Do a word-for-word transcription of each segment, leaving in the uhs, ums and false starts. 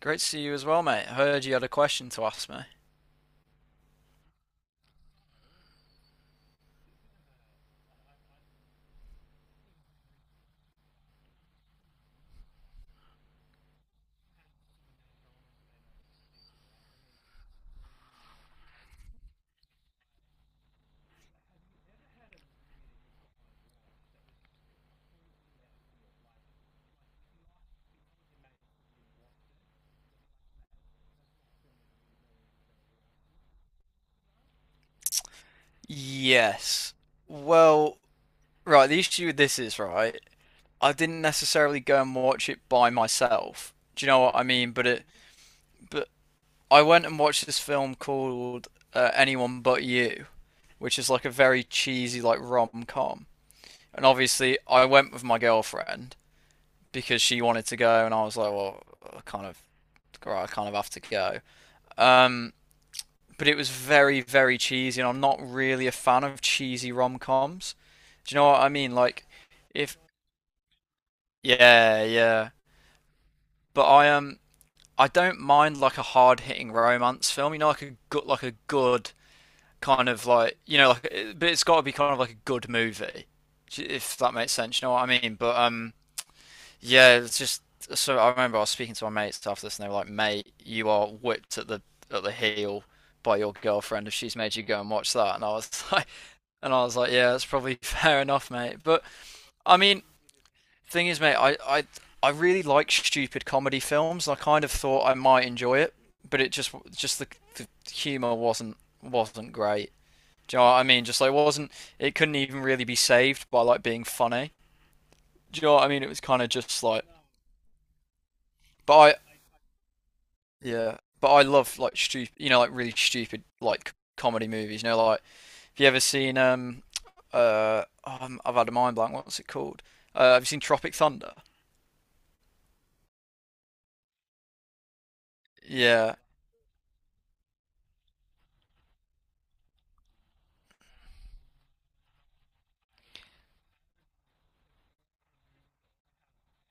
Great to see you as well, mate. I heard you had a question to ask me. Yes. Well, right, the issue with this is, right, I didn't necessarily go and watch it by myself. Do you know what I mean? But it, but I went and watched this film called uh, Anyone But You, which is like a very cheesy like rom-com. And obviously, I went with my girlfriend because she wanted to go, and I was like, well, I kind of, I kind of have to go. Um, but it was very, very cheesy, and I'm not really a fan of cheesy rom coms. Do you know what I mean? Like, if yeah, yeah, but I um, I don't mind like a hard hitting romance film. You know, like a good, like a good kind of like you know, like eh, but it's got to be kind of like a good movie, if that makes sense. You know what I mean? But um, yeah, it's just so I remember I was speaking to my mates after this, and they were like, "Mate, you are whipped at the at the heel by your girlfriend if she's made you go and watch that." And I was like, and I was like, yeah, that's probably fair enough, mate. But I mean, thing is, mate, I I I really like stupid comedy films. I kind of thought I might enjoy it, but it just just the, the humor wasn't wasn't great. Do you know what I mean? Just like wasn't, it couldn't even really be saved by like being funny. Do you know what I mean? It was kind of just like, but I yeah, but I love like stupid, you know, like really stupid like comedy movies. You know, like have you ever seen um uh oh, I have had a mind blank. What's it called? Uh, have you seen Tropic Thunder? Yeah,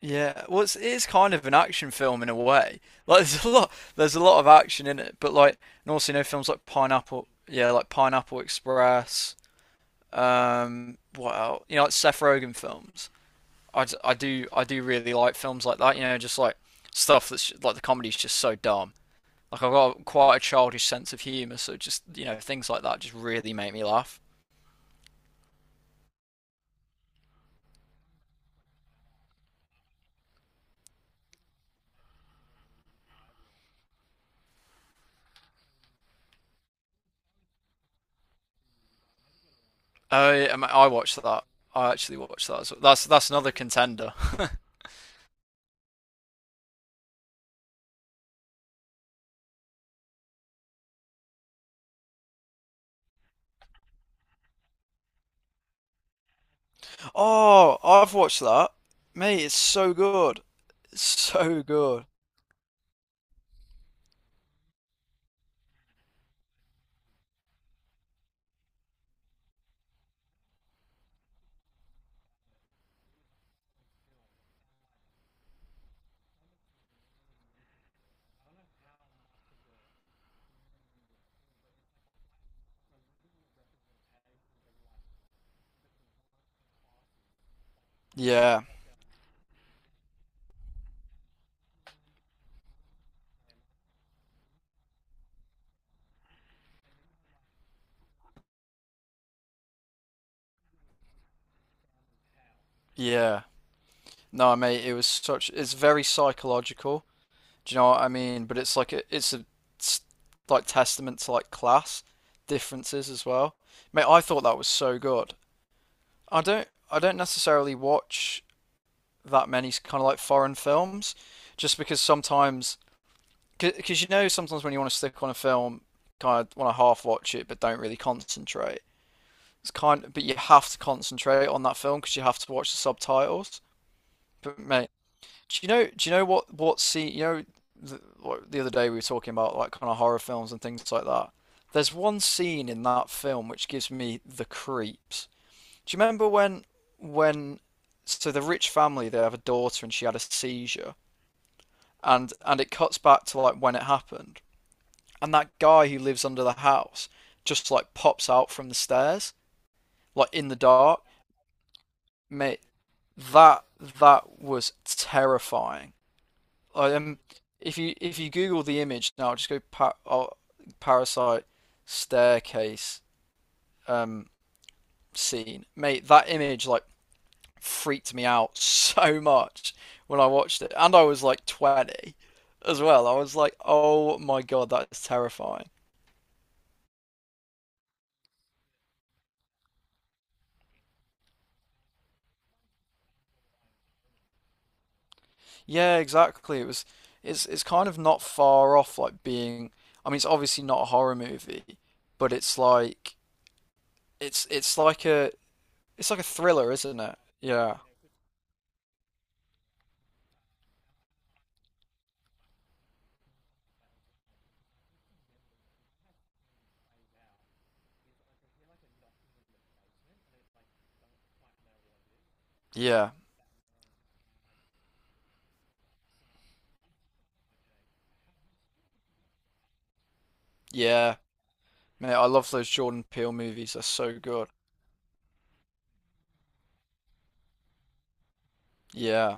yeah. Well, it's, it's kind of an action film in a way. Like there's a lot, there's a lot of action in it, but like, and also you know films like Pineapple, yeah, like Pineapple Express. Um, what else? You know, like Seth Rogen films. I, d- I do I do really like films like that. You know, just like stuff that's like the comedy's just so dumb. Like I've got quite a childish sense of humor, so just you know things like that just really make me laugh. Oh, yeah, I mean, I watched that. I actually watched that as well. That's that's another contender. Oh, I've watched that. Mate, it's so good. It's so good. Yeah, yeah. No, mate, it was such it's very psychological. Do you know what I mean? But it's like a, it's a it's like testament to like class differences as well. Mate, I thought that was so good. I don't I don't necessarily watch that many kind of like foreign films just because sometimes because you know sometimes when you want to stick on a film, kind of want to half watch it but don't really concentrate. It's kind of, but you have to concentrate on that film because you have to watch the subtitles. But mate, do you know? Do you know what what scene? You know, the, what, the other day we were talking about like kind of horror films and things like that. There's one scene in that film which gives me the creeps. Do you remember when, when so the rich family, they have a daughter and she had a seizure, and and it cuts back to like when it happened, and that guy who lives under the house just like pops out from the stairs like in the dark, mate. That that was terrifying. Like, um, if you if you Google the image now, just go pa- oh, parasite staircase um, scene, mate. That image like freaked me out so much when I watched it, and I was like twenty as well. I was like, oh my god, that is terrifying. Yeah, exactly. It was. It's it's kind of not far off like being, I mean, it's obviously not a horror movie, but it's like it's it's like a It's like a thriller, isn't it? Yeah. Yeah. Yeah. Man, I love those Jordan Peele movies. They're so good. Yeah.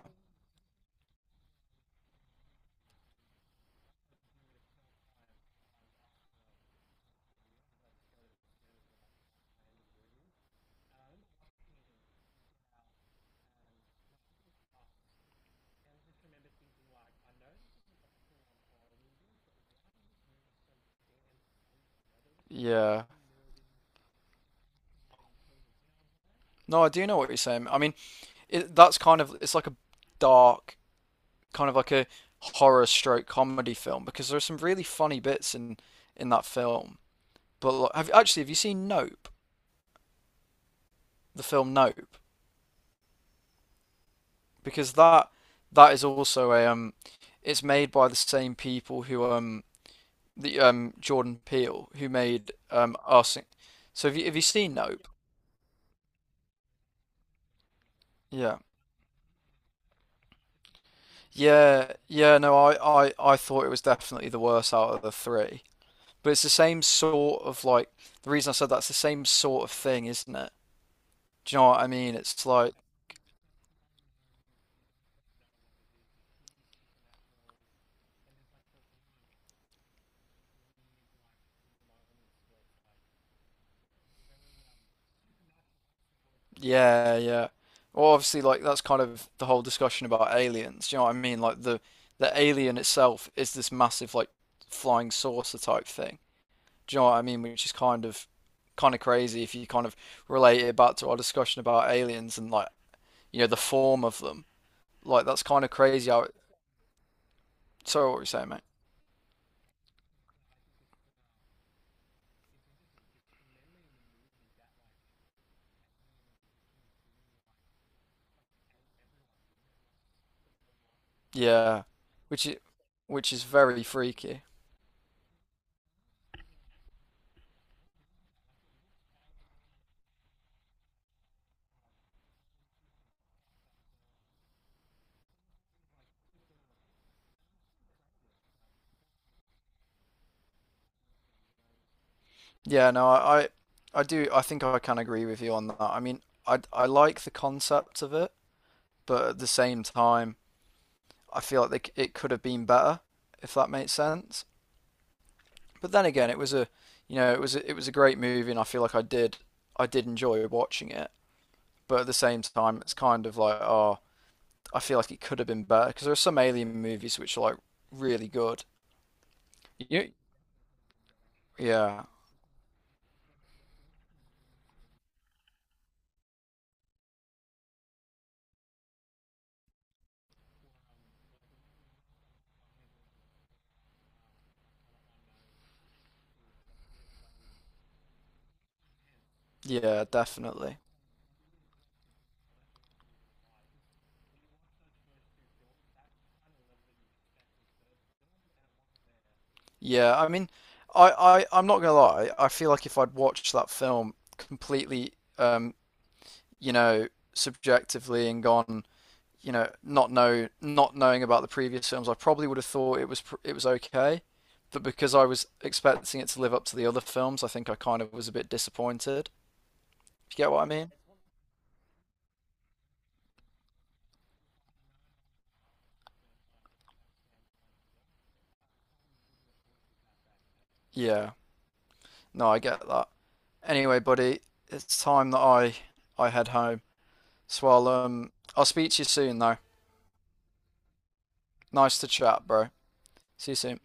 Yeah. No, I do know what you're saying. I mean, it, that's kind of, it's like a dark, kind of like a horror stroke comedy film, because there are some really funny bits in in that film. But like, have actually, have you seen Nope? The film Nope? Because that that is also a um it's made by the same people who um the um Jordan Peele, who made um Arsene. So have you have you seen Nope? Yeah. Yeah, yeah, no, I, I, I thought it was definitely the worst out of the three. But it's the same sort of like, the reason I said that's the same sort of thing, isn't it? Do you know what I mean? It's like, yeah, yeah. Well, obviously like that's kind of the whole discussion about aliens. Do you know what I mean? Like the the alien itself is this massive like flying saucer type thing. Do you know what I mean? Which is kind of kind of crazy if you kind of relate it back to our discussion about aliens and like you know the form of them. Like that's kind of crazy. How it, sorry, what were you saying, mate? Yeah, which is which is very freaky. Yeah, no, I I, I do. I think I can agree with you on that. I mean, I I like the concept of it, but at the same time, I feel like they, c- it could have been better, if that makes sense. But then again, it was a you know it was a, it was a great movie, and I feel like I did I did enjoy watching it. But at the same time, it's kind of like, oh, I feel like it could have been better because there are some Alien movies which are like really good. You, Yeah, yeah, definitely. Yeah, I mean, I, I, I'm not gonna lie. I feel like if I'd watched that film completely, um, you know, subjectively and gone, you know, not know, not knowing about the previous films, I probably would have thought it was pr- it was okay. But because I was expecting it to live up to the other films, I think I kind of was a bit disappointed. Do you get what I mean? Yeah. No, I get that. Anyway, buddy, it's time that I I head home. So I'll um I'll speak to you soon though. Nice to chat, bro. See you soon.